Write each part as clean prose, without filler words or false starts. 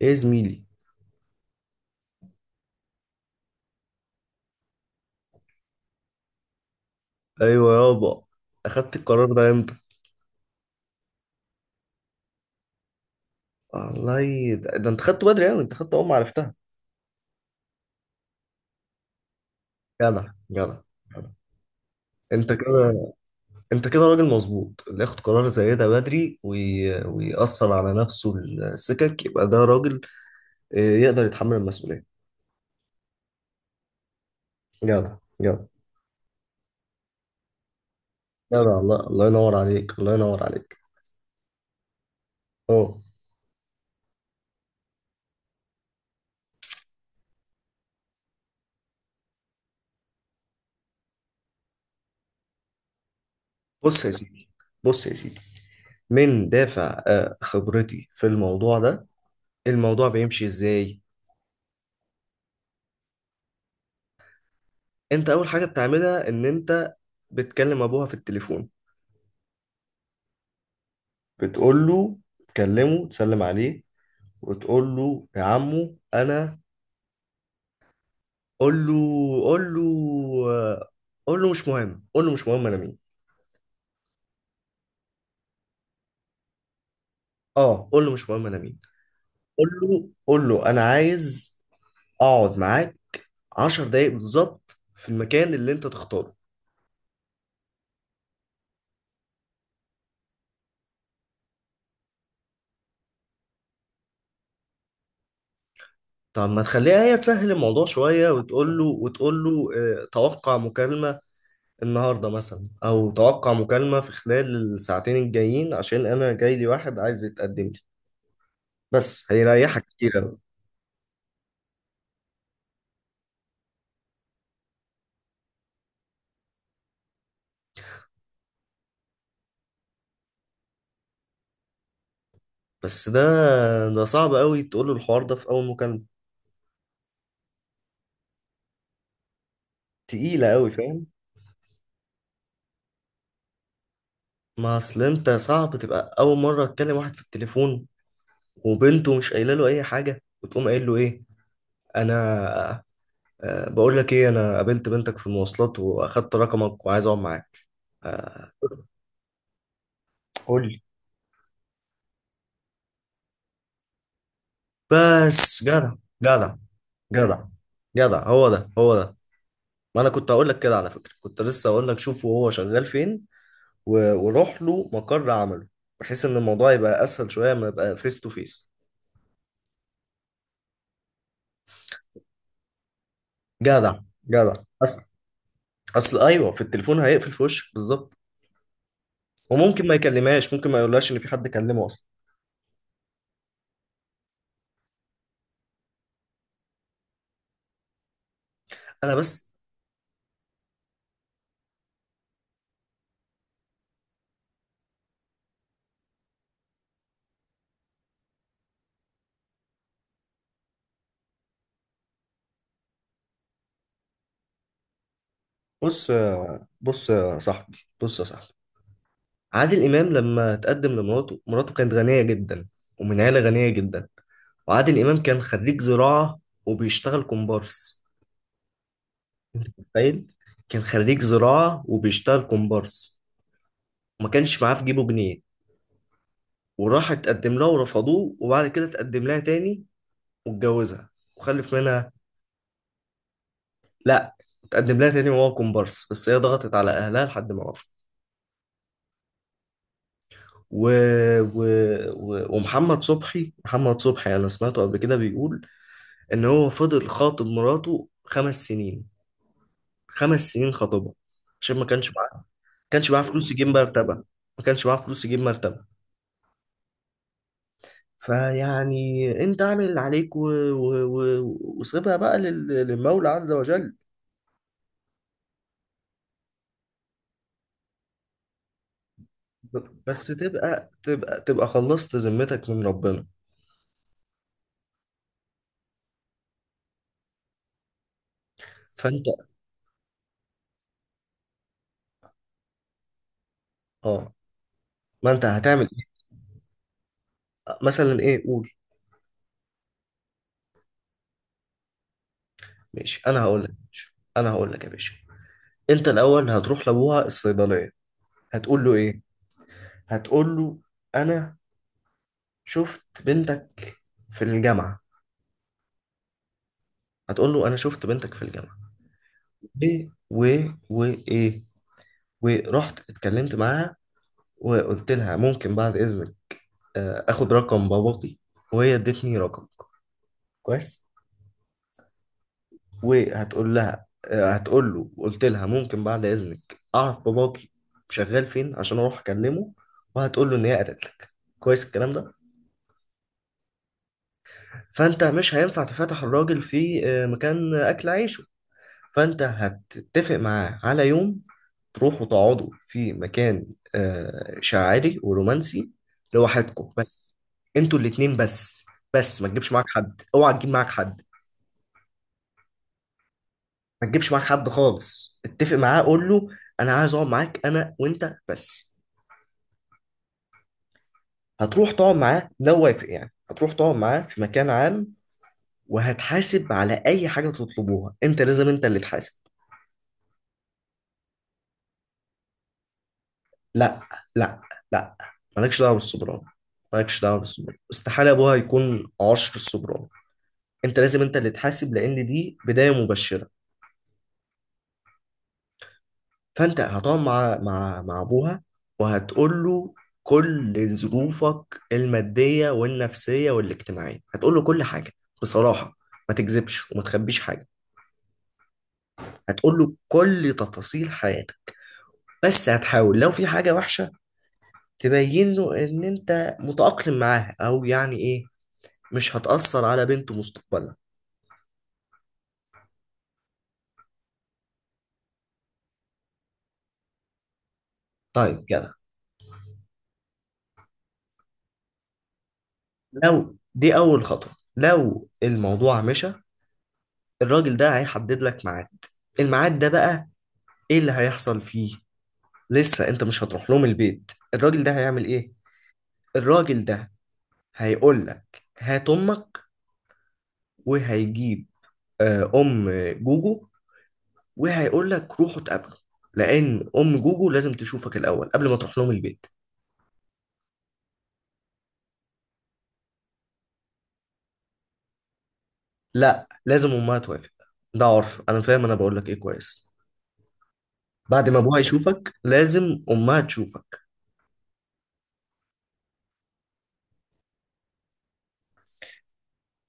ايه يا زميلي. ايوه يابا. اخدت القرار ده امتى؟ والله ده انت خدته بدري، يعني انت خدته اول ما عرفتها. جدع جدع. جدع. انت كده. انت كده راجل مظبوط اللي ياخد قرار زي ده بدري ويأثر على نفسه، السكك، يبقى ده راجل. يقدر يتحمل المسؤولية. جدع جدع. جدع. الله الله ينور عليك، الله ينور عليك. اه. بص يا سيدي، بص يا سيدي، من دافع خبرتي في الموضوع ده. الموضوع بيمشي ازاي؟ انت اول حاجه بتعملها ان انت بتكلم ابوها في التليفون. بتقول له، تكلمه، تسلم عليه، وتقول له يا عمو انا. قول له، قول له، قول له مش مهم، قول له مش مهم انا مين. اه قول له مش مهم انا مين. قول له، قول له انا عايز اقعد معاك عشر دقايق بالظبط في المكان اللي انت تختاره. طب ما تخليها هي تسهل الموضوع شويه، وتقول له، وتقول له اه، توقع مكالمه النهارده مثلا، او توقع مكالمه في خلال الساعتين الجايين عشان انا جاي لي واحد عايز يتقدم لي. بس هيريحك كتير قوي. بس ده صعب قوي تقول له الحوار ده في اول مكالمه. تقيله قوي، فاهم؟ ما اصل انت صعب تبقى اول مره تكلم واحد في التليفون وبنته مش قايله له اي حاجه وتقوم قايل له ايه. انا بقول لك ايه، انا قابلت بنتك في المواصلات واخدت رقمك وعايز اقعد معاك. آه، قول لي. بس جدع. جدع. جدع. جدع هو ده هو ده. ما انا كنت هقول لك كده على فكره، كنت لسه هقول لك شوف وهو شغال فين، وروح له مقر عمله بحيث ان الموضوع يبقى اسهل شويه، ما يبقى فيس تو فيس. جدع. جدع. اصل، اصل ايوه في التليفون هيقفل في وشك بالظبط. وممكن ما يكلمهاش، ممكن ما يقولهاش ان في حد كلمه اصلا. انا بس، بص يا صاحبي، بص يا صاحبي، عادل امام لما تقدم لمراته، مراته كانت غنيه جدا ومن عيله غنيه جدا، وعادل امام كان خريج زراعه وبيشتغل كومبارس. متخيل؟ كان خريج زراعة وبيشتغل كومبارس وما كانش معاه في جيبه جنيه، وراح اتقدم لها ورفضوه، وبعد كده اتقدم لها تاني واتجوزها وخلف منها. لا، اتقدم لها تاني وهو كومبارس بس هي ضغطت على اهلها لحد ما وافق. و... و... ومحمد صبحي، محمد صبحي انا سمعته قبل كده بيقول ان هو فضل خاطب مراته خمس سنين. خمس سنين خاطبها عشان ما كانش معاه فلوس يجيب مرتبة. ما كانش معاه فلوس يجيب مرتبة فيعني انت اعمل اللي عليك و... وسيبها بقى للمولى عز وجل. بس تبقى خلصت ذمتك من ربنا. فانت اه، ما انت هتعمل ايه؟ مثلا ايه، قول. ماشي، انا هقول لك يا باشا، انا هقول لك يا باشا، انت الاول هتروح لابوها الصيدليه، هتقول له ايه؟ هتقول له انا شفت بنتك في الجامعه. هتقول له انا شفت بنتك في الجامعه ايه، و ايه، ورحت اتكلمت معاها وقلت لها ممكن بعد إذنك آخد رقم باباكي، وهي ادتني رقم، كويس. وهتقول لها هتقول له وقلت لها ممكن بعد إذنك أعرف باباكي شغال فين عشان أروح أكلمه. وهتقول له إن هي قالت لك، كويس الكلام ده. فأنت مش هينفع تفتح الراجل في مكان أكل عيش، فانت هتتفق معاه على يوم تروحوا تقعدوا في مكان شاعري ورومانسي، لوحدكم بس، انتوا الاتنين بس، بس ما تجيبش معاك حد، اوعى تجيب معاك حد، ما تجيبش معاك حد خالص. اتفق معاه، قول له انا عايز اقعد معاك انا وانت بس. هتروح تقعد معاه، لو وافق يعني، هتروح تقعد معاه في مكان عام، وهتحاسب على اي حاجه تطلبوها، انت لازم انت اللي تحاسب. لا، لا، لا، مالكش دعوه بالسوبرانو، مالكش دعوه بالسوبرانو، استحاله ابوها يكون عشر السوبرانو. انت لازم انت اللي تحاسب لان دي بدايه مبشره. فانت هتقعد مع ابوها، وهتقول له كل ظروفك الماديه والنفسيه والاجتماعيه، هتقول له كل حاجه بصراحه، ما تكذبش وما تخبيش حاجه. هتقول له كل تفاصيل حياتك، بس هتحاول لو في حاجه وحشه تبين له ان انت متأقلم معاها او يعني ايه، مش هتأثر على بنته مستقبلا. طيب كده. لو دي أول خطوة، لو الموضوع مشى، الراجل ده هيحدد لك ميعاد. الميعاد ده بقى إيه اللي هيحصل فيه؟ لسه أنت مش هتروح لهم البيت. الراجل ده هيعمل إيه؟ الراجل ده هيقول لك هات أمك، وهيجيب أم جوجو، وهيقول لك روحوا اتقابلوا، لأن أم جوجو لازم تشوفك الأول قبل ما تروح لهم البيت. لا، لازم أمها توافق. ده عرف، أنا فاهم، أنا بقول لك إيه، كويس. بعد ما ابوها يشوفك لازم امها تشوفك.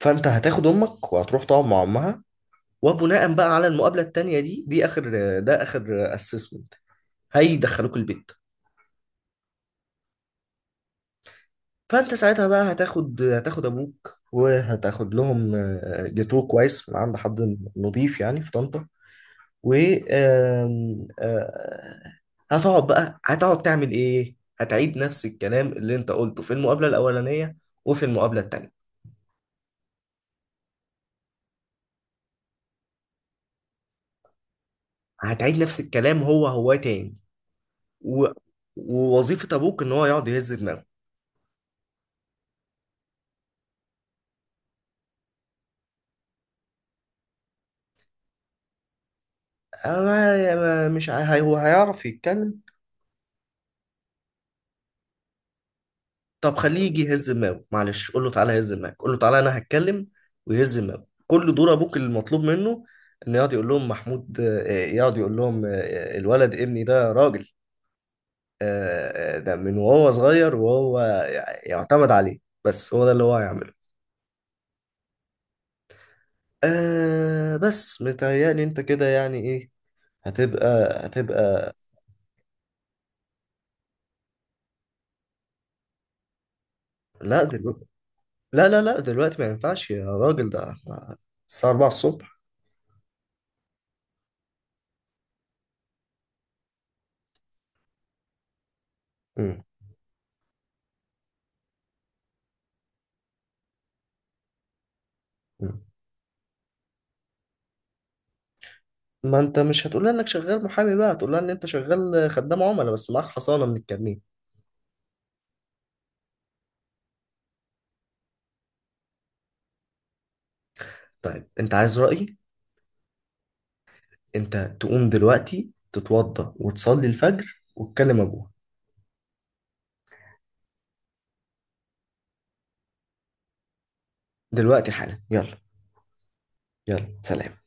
فانت هتاخد امك وهتروح تقعد مع امها. وبناء بقى على المقابله التانيه دي اخر، ده اخر اسسمنت، هيدخلوك البيت. فانت ساعتها بقى هتاخد ابوك، وهتاخد لهم جاتوه كويس من عند حد نظيف يعني في طنطا. و آم، آه، هتقعد بقى، هتقعد تعمل ايه، هتعيد نفس الكلام اللي انت قلته في المقابله الاولانيه وفي المقابله التانيه. هتعيد نفس الكلام هو هو تاني. و... ووظيفة أبوك إن هو يقعد يهز دماغه. أنا ما- مش عا- هي- هو هيعرف يتكلم. طب خليه يجي يهز دماغه، معلش قول له تعالى هز دماغك، قول له تعالى أنا هتكلم ويهز دماغه. كل دور أبوك اللي المطلوب منه إنه يقعد يقول لهم محمود، يقعد يقول لهم الولد ابني ده راجل، ده من وهو صغير وهو يعتمد عليه. بس هو ده اللي هو هيعمله. آه، بس متهيألي أنت كده يعني إيه، هتبقى، هتبقى. لا دلوقتي. لا لا لا دلوقتي ما ينفعش يا راجل، ده احنا الساعة 4 الصبح. مم. مم. ما انت مش هتقول لها انك شغال محامي بقى، هتقول لها ان انت شغال خدام عملاء بس معاك حصانة من الكمين. طيب انت عايز رأيي؟ انت تقوم دلوقتي تتوضى وتصلي الفجر وتكلم ابوها. دلوقتي حالا، يلا. يلا سلام.